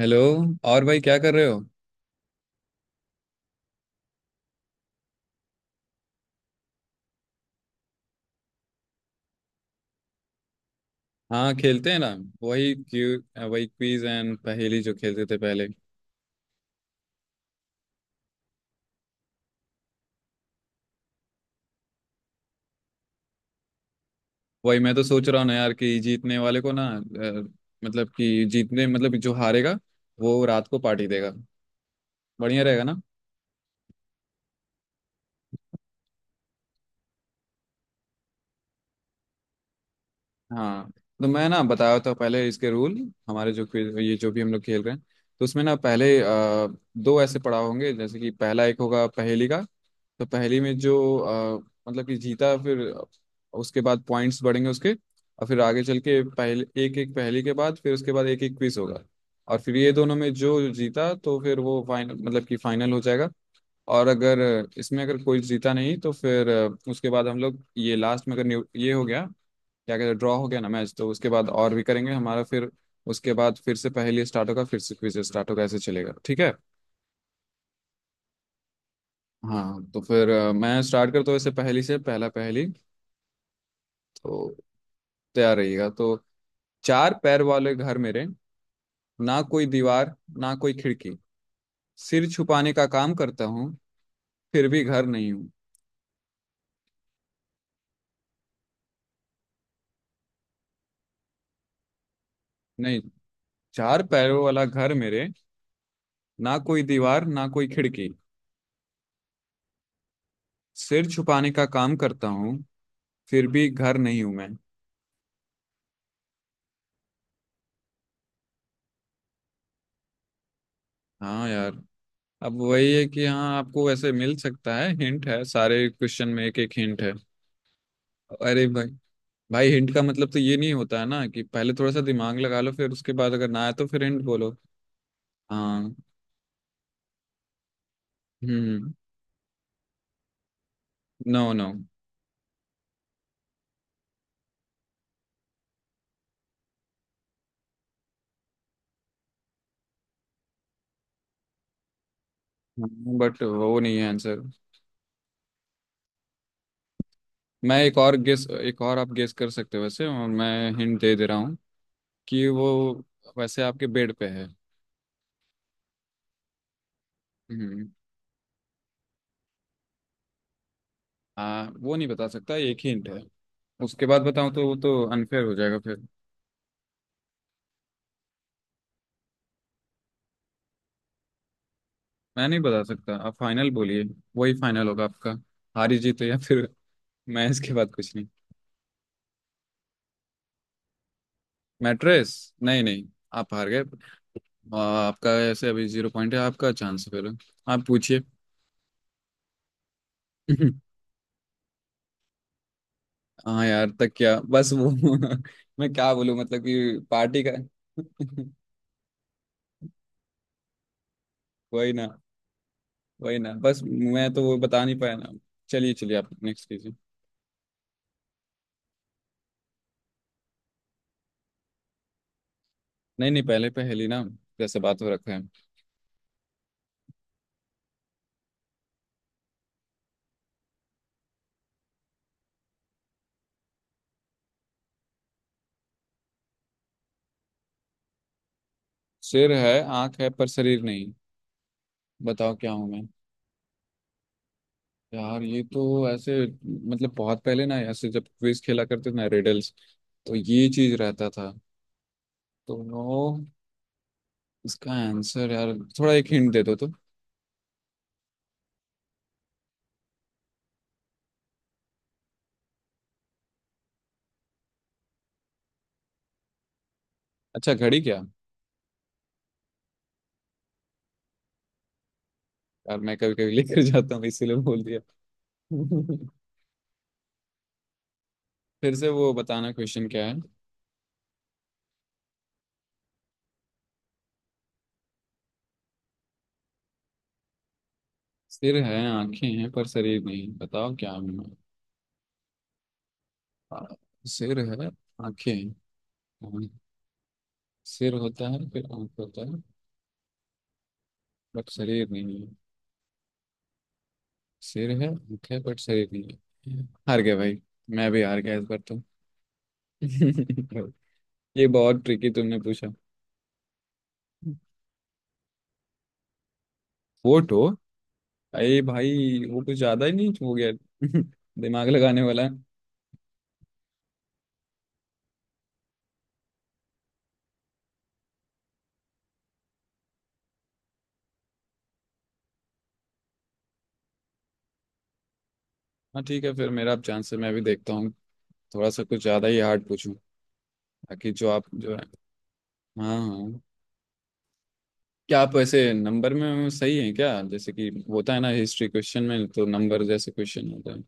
Hello. और भाई क्या कर रहे हो? हाँ, खेलते हैं ना। वही क्यू वही क्विज एंड पहेली जो खेलते थे पहले। वही मैं तो सोच रहा हूँ ना यार कि जीतने वाले को ना मतलब कि जीतने मतलब जो हारेगा वो रात को पार्टी देगा। बढ़िया रहेगा। हाँ, तो मैं ना बताया था पहले इसके रूल। हमारे जो क्विज ये जो भी हम लोग खेल रहे हैं तो उसमें ना पहले दो ऐसे पड़ाव होंगे। जैसे कि पहला एक होगा पहेली का। तो पहेली में जो मतलब कि जीता फिर उसके बाद पॉइंट्स बढ़ेंगे उसके, और फिर आगे चल के पहले एक एक पहेली के बाद फिर उसके बाद एक एक क्विज होगा। और फिर ये दोनों में जो जीता तो फिर वो फाइनल मतलब कि फाइनल हो जाएगा। और अगर इसमें अगर कोई जीता नहीं तो फिर उसके बाद हम लोग ये लास्ट में अगर ये हो गया क्या कहते हैं, ड्रॉ हो गया ना मैच, तो उसके बाद और भी करेंगे हमारा फिर। उसके बाद फिर से पहेली स्टार्ट होगा, फिर से क्विज स्टार्ट होगा, ऐसे चलेगा, ठीक है। हाँ, तो फिर मैं स्टार्ट करता हूँ ऐसे पहेली से। पहला पहेली तो, तैयार रहिएगा तो। चार पैर वाले घर मेरे, ना कोई दीवार ना कोई खिड़की, सिर छुपाने का काम करता हूँ, फिर भी घर नहीं हूँ। नहीं, चार पैरों वाला घर मेरे, ना कोई दीवार ना कोई खिड़की, सिर छुपाने का काम करता हूँ, फिर भी घर नहीं हूँ मैं। हाँ यार, अब वही है कि हाँ आपको वैसे मिल सकता है हिंट है, सारे क्वेश्चन में एक एक हिंट है। अरे भाई, भाई हिंट का मतलब तो ये नहीं होता है ना कि पहले थोड़ा सा दिमाग लगा लो, फिर उसके बाद अगर ना आए तो फिर हिंट बोलो। हाँ। हम्म नो नो। हाँ, बट वो नहीं है आंसर। मैं एक और गेस, एक और आप गेस कर सकते हो वैसे, और मैं हिंट दे दे रहा हूँ कि वो वैसे आपके बेड पे है। हम्म हाँ, वो नहीं बता सकता, एक ही हिंट है। उसके बाद बताऊँ तो वो तो अनफेयर हो जाएगा फिर। मैं नहीं बता सकता, आप फाइनल बोलिए। वही फाइनल होगा आपका, हारी जीत या फिर। मैं इसके बाद कुछ नहीं। मैट्रेस? नहीं नहीं, आप हार गए। आपका ऐसे अभी जीरो पॉइंट है। आपका चांस फिर, आप पूछिए। हाँ यार तक क्या, बस वो मैं क्या बोलूँ, मतलब कि पार्टी का। वही ना, वही ना, बस मैं तो वो बता नहीं पाया ना। चलिए चलिए, आप नेक्स्ट कीजिए। नहीं नहीं, पहले पहेली ना, जैसे बात हो रखा है। सिर है आंख है पर शरीर नहीं, बताओ क्या हूँ। यार ये तो ऐसे मतलब बहुत पहले ना ऐसे जब क्विज खेला करते थे ना, रिडल्स। तो ये चीज रहता था। तो इसका आंसर यार, थोड़ा एक हिंट दे दो तो। अच्छा घड़ी क्या? यार मैं कभी कभी लेकर जाता हूँ इसीलिए बोल दिया। फिर से वो बताना, क्वेश्चन क्या है। सिर है आंखें हैं पर शरीर नहीं, बताओ क्या हूं मैं? आ, सिर है, आंखें हैं। हाँ, सिर होता है, फिर आंख होता है, बट शरीर नहीं। सिर है, भूख है, बट शरीर नहीं है। हार गया भाई, मैं भी हार गया इस बार तो। ये बहुत ट्रिकी तुमने पूछा। वोट हो? अरे भाई वो कुछ ज्यादा ही नहीं हो गया? दिमाग लगाने वाला है। हाँ ठीक है, फिर मेरा अब चांस है, मैं भी देखता हूँ। थोड़ा सा कुछ ज्यादा ही हार्ड पूछूं, ताकि जो आप जो है। हाँ हाँ। क्या आप ऐसे नंबर में सही हैं क्या? जैसे कि होता है ना हिस्ट्री क्वेश्चन में, तो नंबर जैसे क्वेश्चन होता है।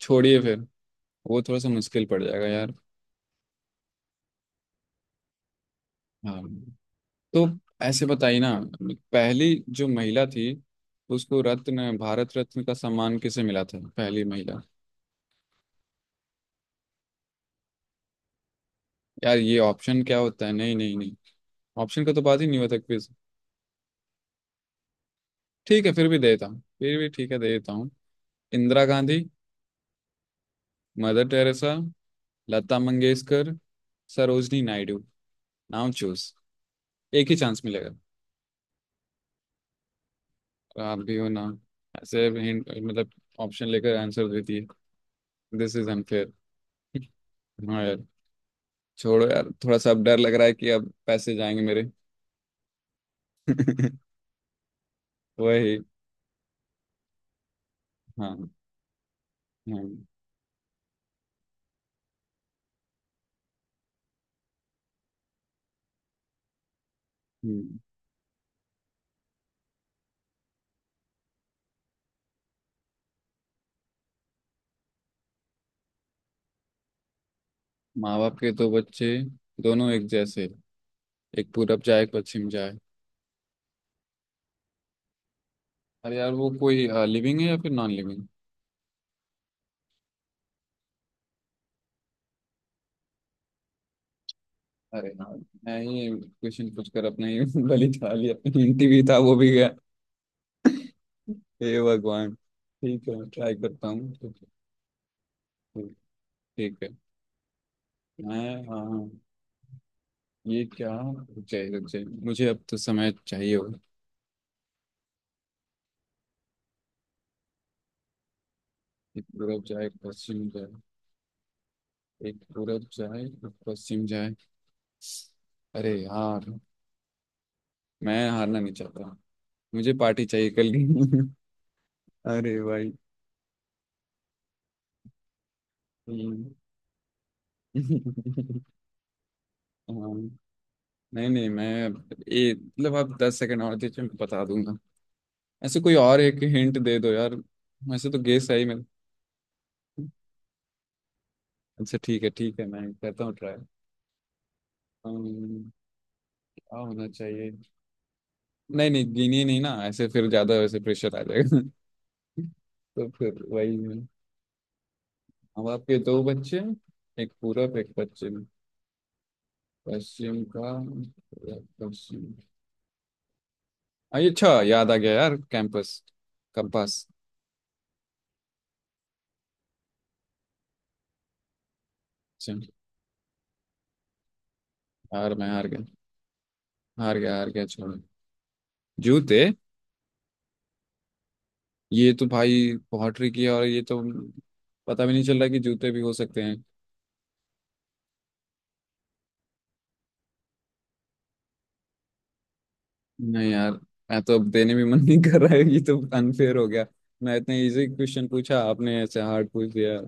छोड़िए फिर, वो थोड़ा सा मुश्किल पड़ जाएगा यार। हाँ, तो ऐसे बताइए ना। पहली जो महिला थी उसको रत्न, भारत रत्न का सम्मान किसे मिला था, पहली महिला? यार ये ऑप्शन क्या होता है, नहीं नहीं नहीं, ऑप्शन का तो बात ही नहीं होता क्विज। ठीक है फिर भी देता हूँ, फिर भी ठीक है दे देता हूँ। Indira Gandhi, Mother Teresa, Lata Mangeshkar, Sarojini Naidu. Now choose, एक ही चांस मिलेगा। आप भी हो ना, ऐसे मतलब ऑप्शन लेकर आंसर देती है। This is unfair. हाँ यार, छोड़ो यार, थोड़ा सा अब डर लग रहा है कि अब पैसे जाएंगे मेरे। वही। हाँ हाँ हम्म। माँ बाप के दो बच्चे, दोनों एक जैसे, एक पूरब जाए एक पश्चिम जाए। अरे यार, वो कोई लिविंग है या फिर नॉन लिविंग? अरे यार, मैं ये क्वेश्चन पूछ कर अपना ही बलि चढ़ा लिया। अपनी हिंदी भी था वो भी गया। हे भगवान, ठीक है ट्राई करता हूँ, ठीक। ठीक है। मैं हाँ हाँ, ये क्या, रुक जाइए रुक जाइए, मुझे अब तो समय चाहिए होगा। एक पूरब जाए एक पश्चिम जाए, एक पूरब जाए एक पश्चिम जाए। अरे यार, मैं हारना नहीं चाहता, मुझे पार्टी चाहिए कल की। अरे भाई। हम्म। हाँ, नहीं नहीं, मैं ये मतलब, आप 10 सेकंड और दीजिए मैं बता दूंगा। ऐसे कोई और एक हिंट दे दो यार, वैसे तो गेस है ही मेरा। अच्छा ठीक है, ठीक है मैं करता हूँ ट्राई। क्या होना चाहिए? नहीं नहीं, गिनी नहीं ना ऐसे, फिर ज्यादा वैसे प्रेशर आ जाएगा। तो फिर वही है। हम आपके दो बच्चे हैं, एक पूरब एक पश्चिम। पश्चिम का पश्चिम। अरे अच्छा याद आ गया यार, कैंपस, कंपास। अच्छा, हार, मैं हार गया। हार गया हार गया, छोड़ो। जूते? ये तो भाई पॉटरी की है, और ये तो पता भी नहीं चल रहा कि जूते भी हो सकते हैं। नहीं यार, मैं तो अब देने भी मन नहीं कर रहा है, ये तो अनफेयर हो गया। मैं इतना इजी क्वेश्चन पूछा, आपने ऐसे हार्ड पूछ दिया।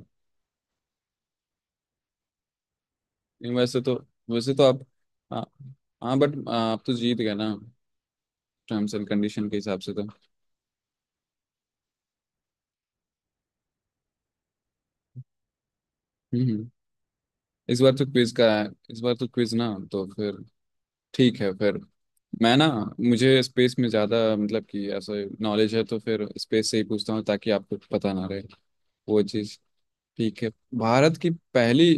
नहीं, वैसे तो, वैसे तो आप। हाँ हाँ, बट आप तो जीत गए ना, टर्म्स एंड कंडीशन के हिसाब से तो। हम्म हम्म। इस बार तो क्विज का है, इस बार तो क्विज ना, तो फिर ठीक है फिर। मैं ना, मुझे स्पेस में ज़्यादा मतलब कि ऐसा नॉलेज है, तो फिर स्पेस से ही पूछता हूँ, ताकि आपको पता ना रहे वो चीज़। ठीक है। भारत की पहली।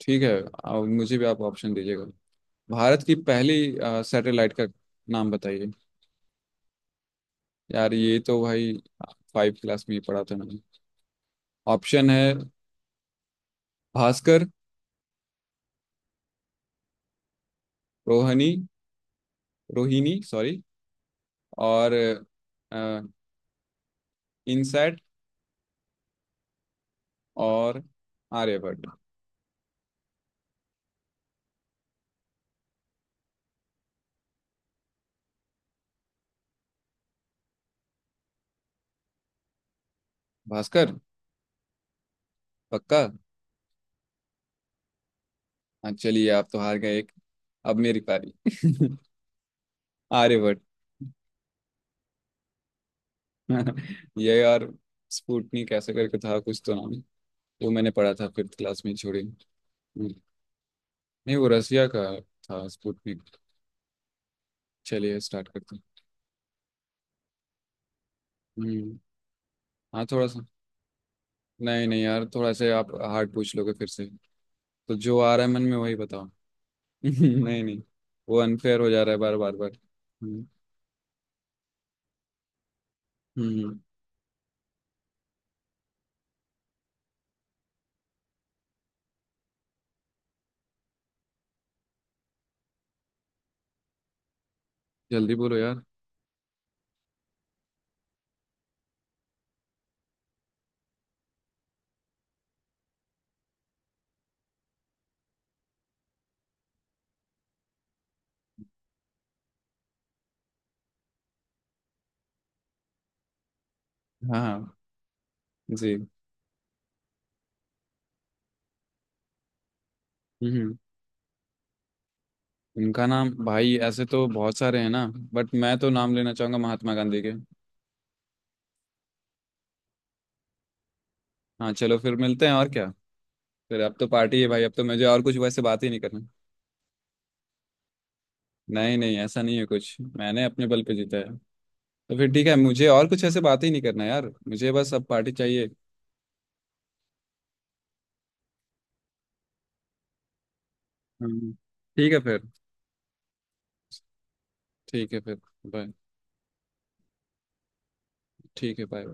ठीक है। मुझे भी आप ऑप्शन दीजिएगा। भारत की पहली सैटेलाइट का नाम बताइए। यार ये तो भाई फाइव क्लास में ही पढ़ा था मैंने। ऑप्शन है भास्कर, रोहनी, रोहिणी सॉरी, और इनसेट, और आर्यभट्ट। भास्कर? पक्का? हाँ चलिए, आप तो हार गए एक, अब मेरी पारी। आर्यभट्ट। ये और स्पुतनिक ऐसे करके था कुछ तो नाम, वो मैंने पढ़ा था फिफ्थ क्लास में, छोड़ी। हम्म, नहीं वो रसिया का था स्पुतनिक। चलिए स्टार्ट करते हैं। हम्म, हाँ थोड़ा सा। नहीं नहीं यार, थोड़ा से आप हार्ड पूछ लोगे फिर से, तो जो आ रहा है मन में वही बताओ। नहीं नहीं, वो अनफेयर हो जा रहा है, बार बार बार। हम्म, हम्म, जल्दी बोलो यार। हाँ। जी। हम्म। इनका नाम भाई ऐसे तो बहुत सारे हैं ना, बट मैं तो नाम लेना चाहूंगा महात्मा गांधी के। हाँ चलो, फिर मिलते हैं, और क्या। फिर अब तो पार्टी है भाई, अब तो मुझे और कुछ वैसे बात ही नहीं करना। नहीं नहीं, ऐसा नहीं है कुछ, मैंने अपने बल पे जीता है। तो फिर ठीक है, मुझे और कुछ ऐसे बात ही नहीं करना यार, मुझे बस अब पार्टी चाहिए। हम्म। ठीक है फिर। ठीक है फिर, बाय। ठीक है, बाय।